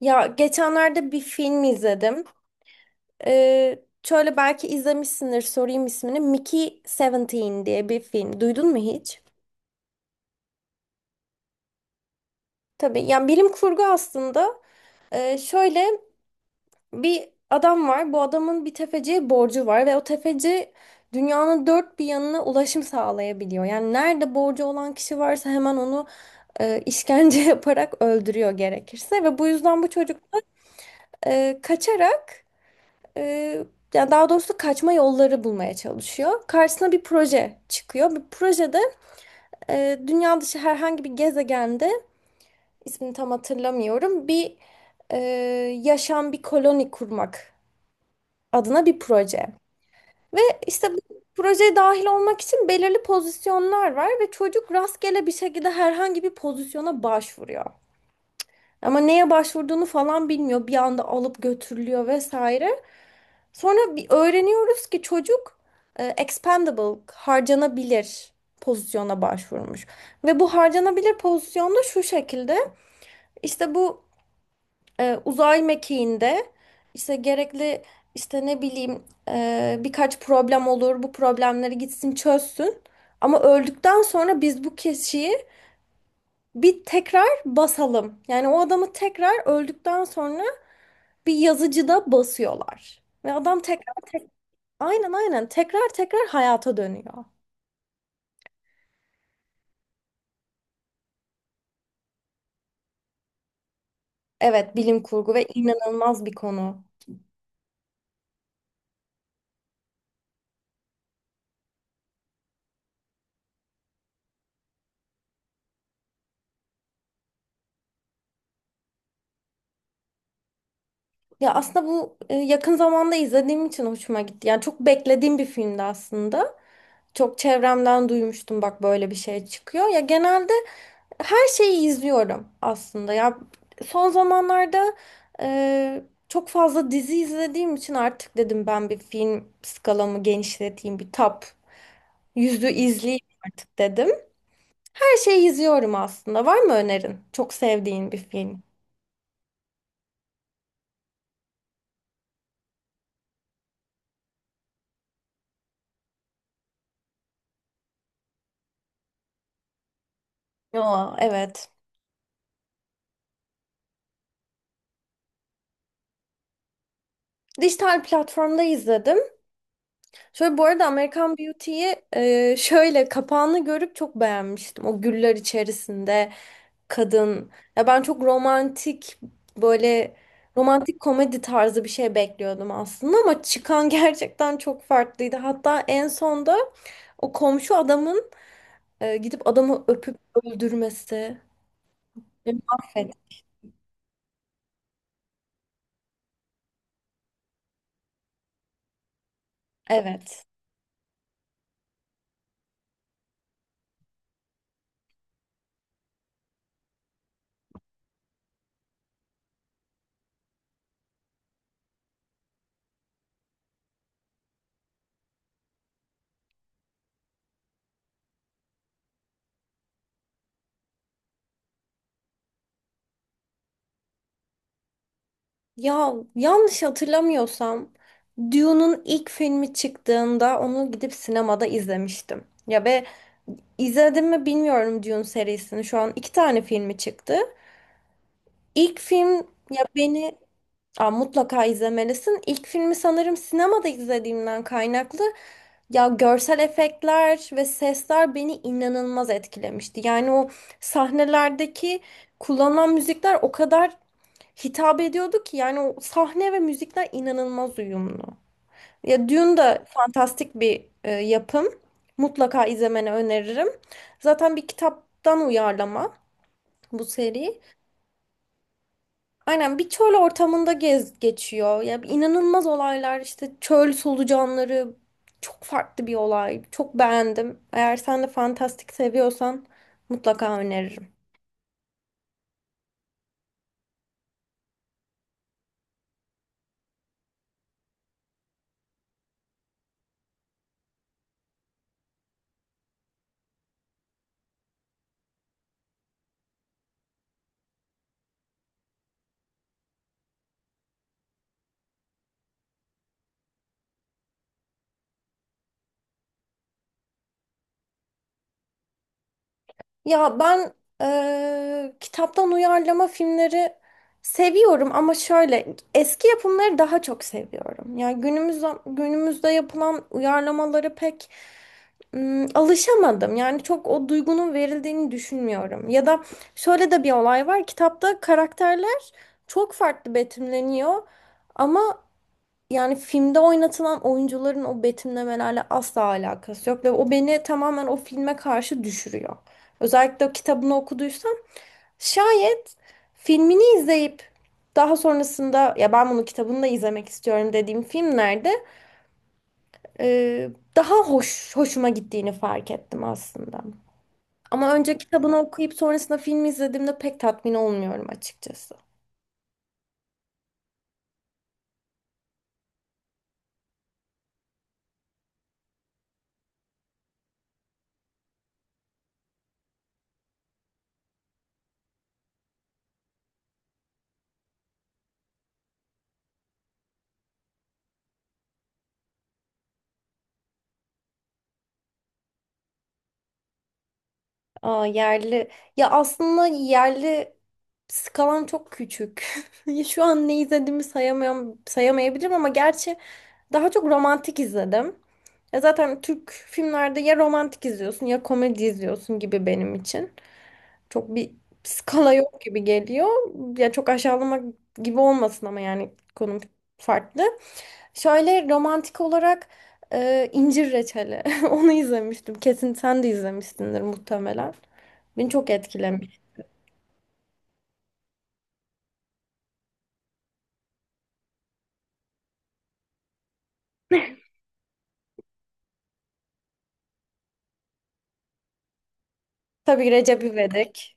Ya geçenlerde bir film izledim. Şöyle belki izlemişsindir sorayım ismini. Mickey 17 diye bir film. Duydun mu hiç? Tabii yani bilim kurgu aslında. Şöyle bir adam var. Bu adamın bir tefeciye borcu var ve o tefeci dünyanın dört bir yanına ulaşım sağlayabiliyor. Yani nerede borcu olan kişi varsa hemen onu işkence yaparak öldürüyor gerekirse ve bu yüzden bu çocuk kaçarak, Ee, yani daha doğrusu kaçma yolları bulmaya çalışıyor. Karşısına bir proje çıkıyor. Bu projede dünya dışı herhangi bir gezegende ismini tam hatırlamıyorum bir e, yaşam, bir koloni kurmak adına bir proje. Ve işte bu projeye dahil olmak için belirli pozisyonlar var ve çocuk rastgele bir şekilde herhangi bir pozisyona başvuruyor. Ama neye başvurduğunu falan bilmiyor. Bir anda alıp götürülüyor vesaire. Sonra bir öğreniyoruz ki çocuk expendable, harcanabilir pozisyona başvurmuş. Ve bu harcanabilir pozisyonda şu şekilde işte bu uzay mekiğinde işte gerekli, işte ne bileyim, birkaç problem olur. Bu problemleri gitsin çözsün. Ama öldükten sonra biz bu kişiyi bir tekrar basalım. Yani o adamı tekrar öldükten sonra bir yazıcıda basıyorlar. Ve adam tekrar aynen, aynen, tekrar tekrar hayata dönüyor. Evet, bilim kurgu ve inanılmaz bir konu. Ya aslında bu yakın zamanda izlediğim için hoşuma gitti. Yani çok beklediğim bir filmdi aslında. Çok çevremden duymuştum, bak böyle bir şey çıkıyor. Ya genelde her şeyi izliyorum aslında. Ya son zamanlarda e, çok fazla dizi izlediğim için artık dedim ben bir film skalamı genişleteyim. Bir top yüzü izleyeyim artık dedim. Her şeyi izliyorum aslında. Var mı önerin? Çok sevdiğin bir film. Aa, evet. Dijital platformda izledim. Şöyle bu arada American Beauty'yi şöyle kapağını görüp çok beğenmiştim. O güller içerisinde kadın. Ya ben çok romantik, böyle romantik komedi tarzı bir şey bekliyordum aslında ama çıkan gerçekten çok farklıydı. Hatta en sonda o komşu adamın gidip adamı öpüp öldürmesi. Beni Mahvet. Evet. Ya yanlış hatırlamıyorsam Dune'un ilk filmi çıktığında onu gidip sinemada izlemiştim. Ya ve izledim mi bilmiyorum Dune serisini. Şu an iki tane filmi çıktı. İlk film, ya beni. Aa, mutlaka izlemelisin. İlk filmi sanırım sinemada izlediğimden kaynaklı. Ya görsel efektler ve sesler beni inanılmaz etkilemişti. Yani o sahnelerdeki kullanılan müzikler o kadar hitap ediyordu ki yani o sahne ve müzikler inanılmaz uyumlu. Ya Dune da fantastik bir yapım. Mutlaka izlemeni öneririm. Zaten bir kitaptan uyarlama bu seri. Aynen, bir çöl ortamında gez geçiyor. Ya inanılmaz olaylar, işte çöl solucanları, çok farklı bir olay. Çok beğendim. Eğer sen de fantastik seviyorsan mutlaka öneririm. Ya ben kitaptan uyarlama filmleri seviyorum ama şöyle eski yapımları daha çok seviyorum. Yani günümüzde yapılan uyarlamaları pek alışamadım. Yani çok o duygunun verildiğini düşünmüyorum. Ya da şöyle de bir olay var. Kitapta karakterler çok farklı betimleniyor. Ama yani filmde oynatılan oyuncuların o betimlemelerle asla alakası yok ve o beni tamamen o filme karşı düşürüyor. Özellikle o kitabını okuduysam şayet, filmini izleyip daha sonrasında ya ben bunu kitabını da izlemek istiyorum dediğim filmlerde e, daha hoşuma gittiğini fark ettim aslında. Ama önce kitabını okuyup sonrasında film izlediğimde pek tatmin olmuyorum açıkçası. Aa, yerli. Ya aslında yerli skalam çok küçük. Şu an ne izlediğimi sayamıyorum, sayamayabilirim ama gerçi daha çok romantik izledim. Ya zaten Türk filmlerde ya romantik izliyorsun ya komedi izliyorsun gibi benim için. Çok bir skala yok gibi geliyor. Ya çok aşağılamak gibi olmasın ama yani konum farklı. Şöyle romantik olarak İncir Reçeli. Onu izlemiştim. Kesin sen de izlemişsindir muhtemelen. Beni çok etkilemiş. Tabii Recep İvedik.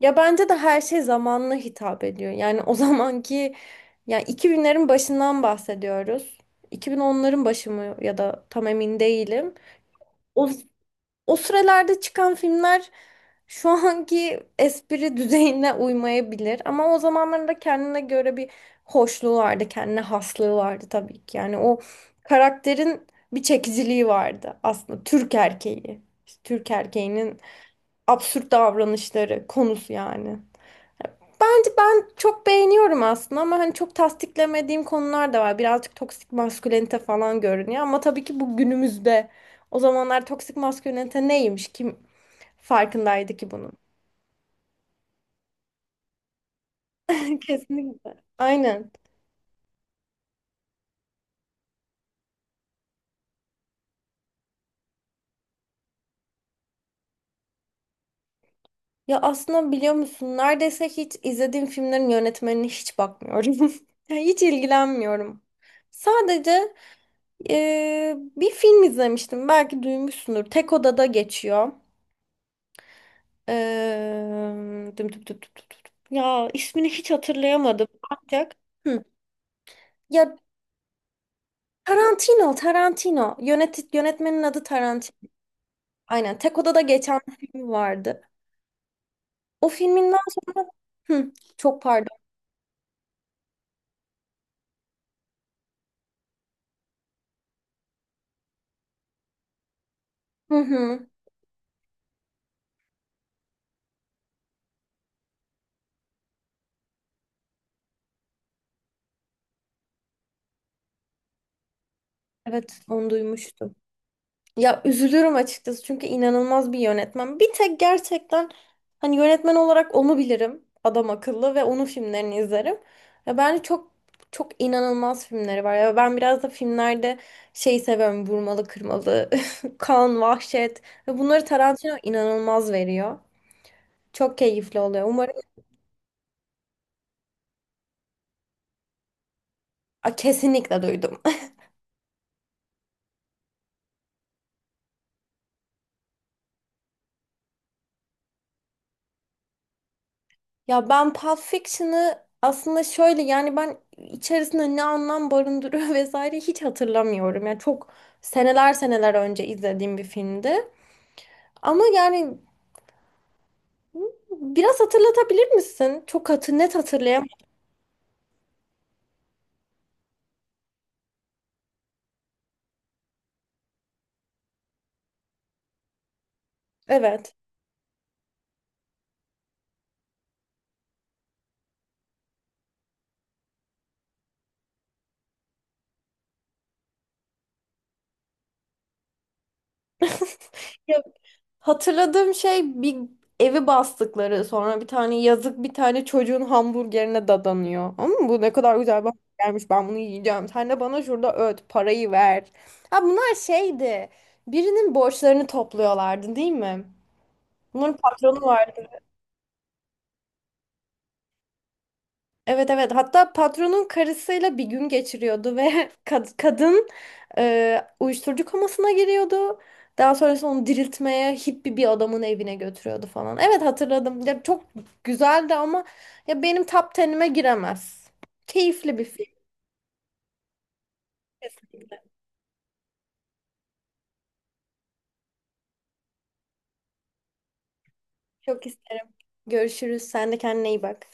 Ya bence de her şey zamanına hitap ediyor. Yani o zamanki, yani 2000'lerin başından bahsediyoruz. 2010'ların başı mı, ya da tam emin değilim. O O sıralarda çıkan filmler şu anki espri düzeyine uymayabilir ama o zamanlarda kendine göre bir hoşluğu vardı, kendine haslığı vardı tabii ki. Yani o karakterin bir çekiciliği vardı aslında, Türk erkeği. İşte Türk erkeğinin absürt davranışları konusu yani. Bence ben çok beğeniyorum aslında ama hani çok tasdiklemediğim konular da var. Birazcık toksik maskülenite falan görünüyor ama tabii ki bu günümüzde. O zamanlar toksik maskülenite neymiş? Kim farkındaydı ki bunun. Kesinlikle. Aynen. Ya aslında biliyor musun, neredeyse hiç izlediğim filmlerin yönetmenine hiç bakmıyorum. Yani hiç ilgilenmiyorum. Sadece bir film izlemiştim. Belki duymuşsundur. Tek odada geçiyor. Düm düm düm düm düm düm. Ya ismini hiç hatırlayamadım. Ancak. Hı. Ya Tarantino, Tarantino. Yönetmenin adı Tarantino. Aynen. Tek odada geçen bir film vardı. O filminden sonra. Hı, çok pardon. Hı hı. Evet, onu duymuştum. Ya üzülürüm açıkçası çünkü inanılmaz bir yönetmen. Bir tek gerçekten hani yönetmen olarak onu bilirim. Adam akıllı ve onun filmlerini izlerim. Ve bence çok çok inanılmaz filmleri var. Ya ben biraz da filmlerde şey seviyorum. Vurmalı, kırmalı, kan, vahşet, ve bunları Tarantino inanılmaz veriyor. Çok keyifli oluyor. Umarım. Aa, kesinlikle duydum. Ya ben Pulp Fiction'ı aslında şöyle, yani ben içerisinde ne anlam barındırıyor vesaire hiç hatırlamıyorum. Yani çok seneler seneler önce izlediğim bir filmdi. Ama yani biraz hatırlatabilir misin? Çok net hatırlayamam. Evet. Ya hatırladığım şey, bir evi bastıkları, sonra bir tane yazık, bir tane çocuğun hamburgerine dadanıyor. Ama bu ne kadar güzel bir hamburgermiş, ben bunu yiyeceğim. Sen de bana şurada öt parayı ver. Ha, bunlar şeydi, birinin borçlarını topluyorlardı değil mi? Bunların patronu vardı. Evet, evet, hatta patronun karısıyla bir gün geçiriyordu ve kadın uyuşturucu komasına giriyordu. Daha sonrasında onu diriltmeye hippie bir adamın evine götürüyordu falan. Evet, hatırladım. Ya çok güzeldi ama ya benim top 10'ime giremez. Keyifli bir film kesinlikle. Çok isterim. Görüşürüz. Sen de kendine iyi bak.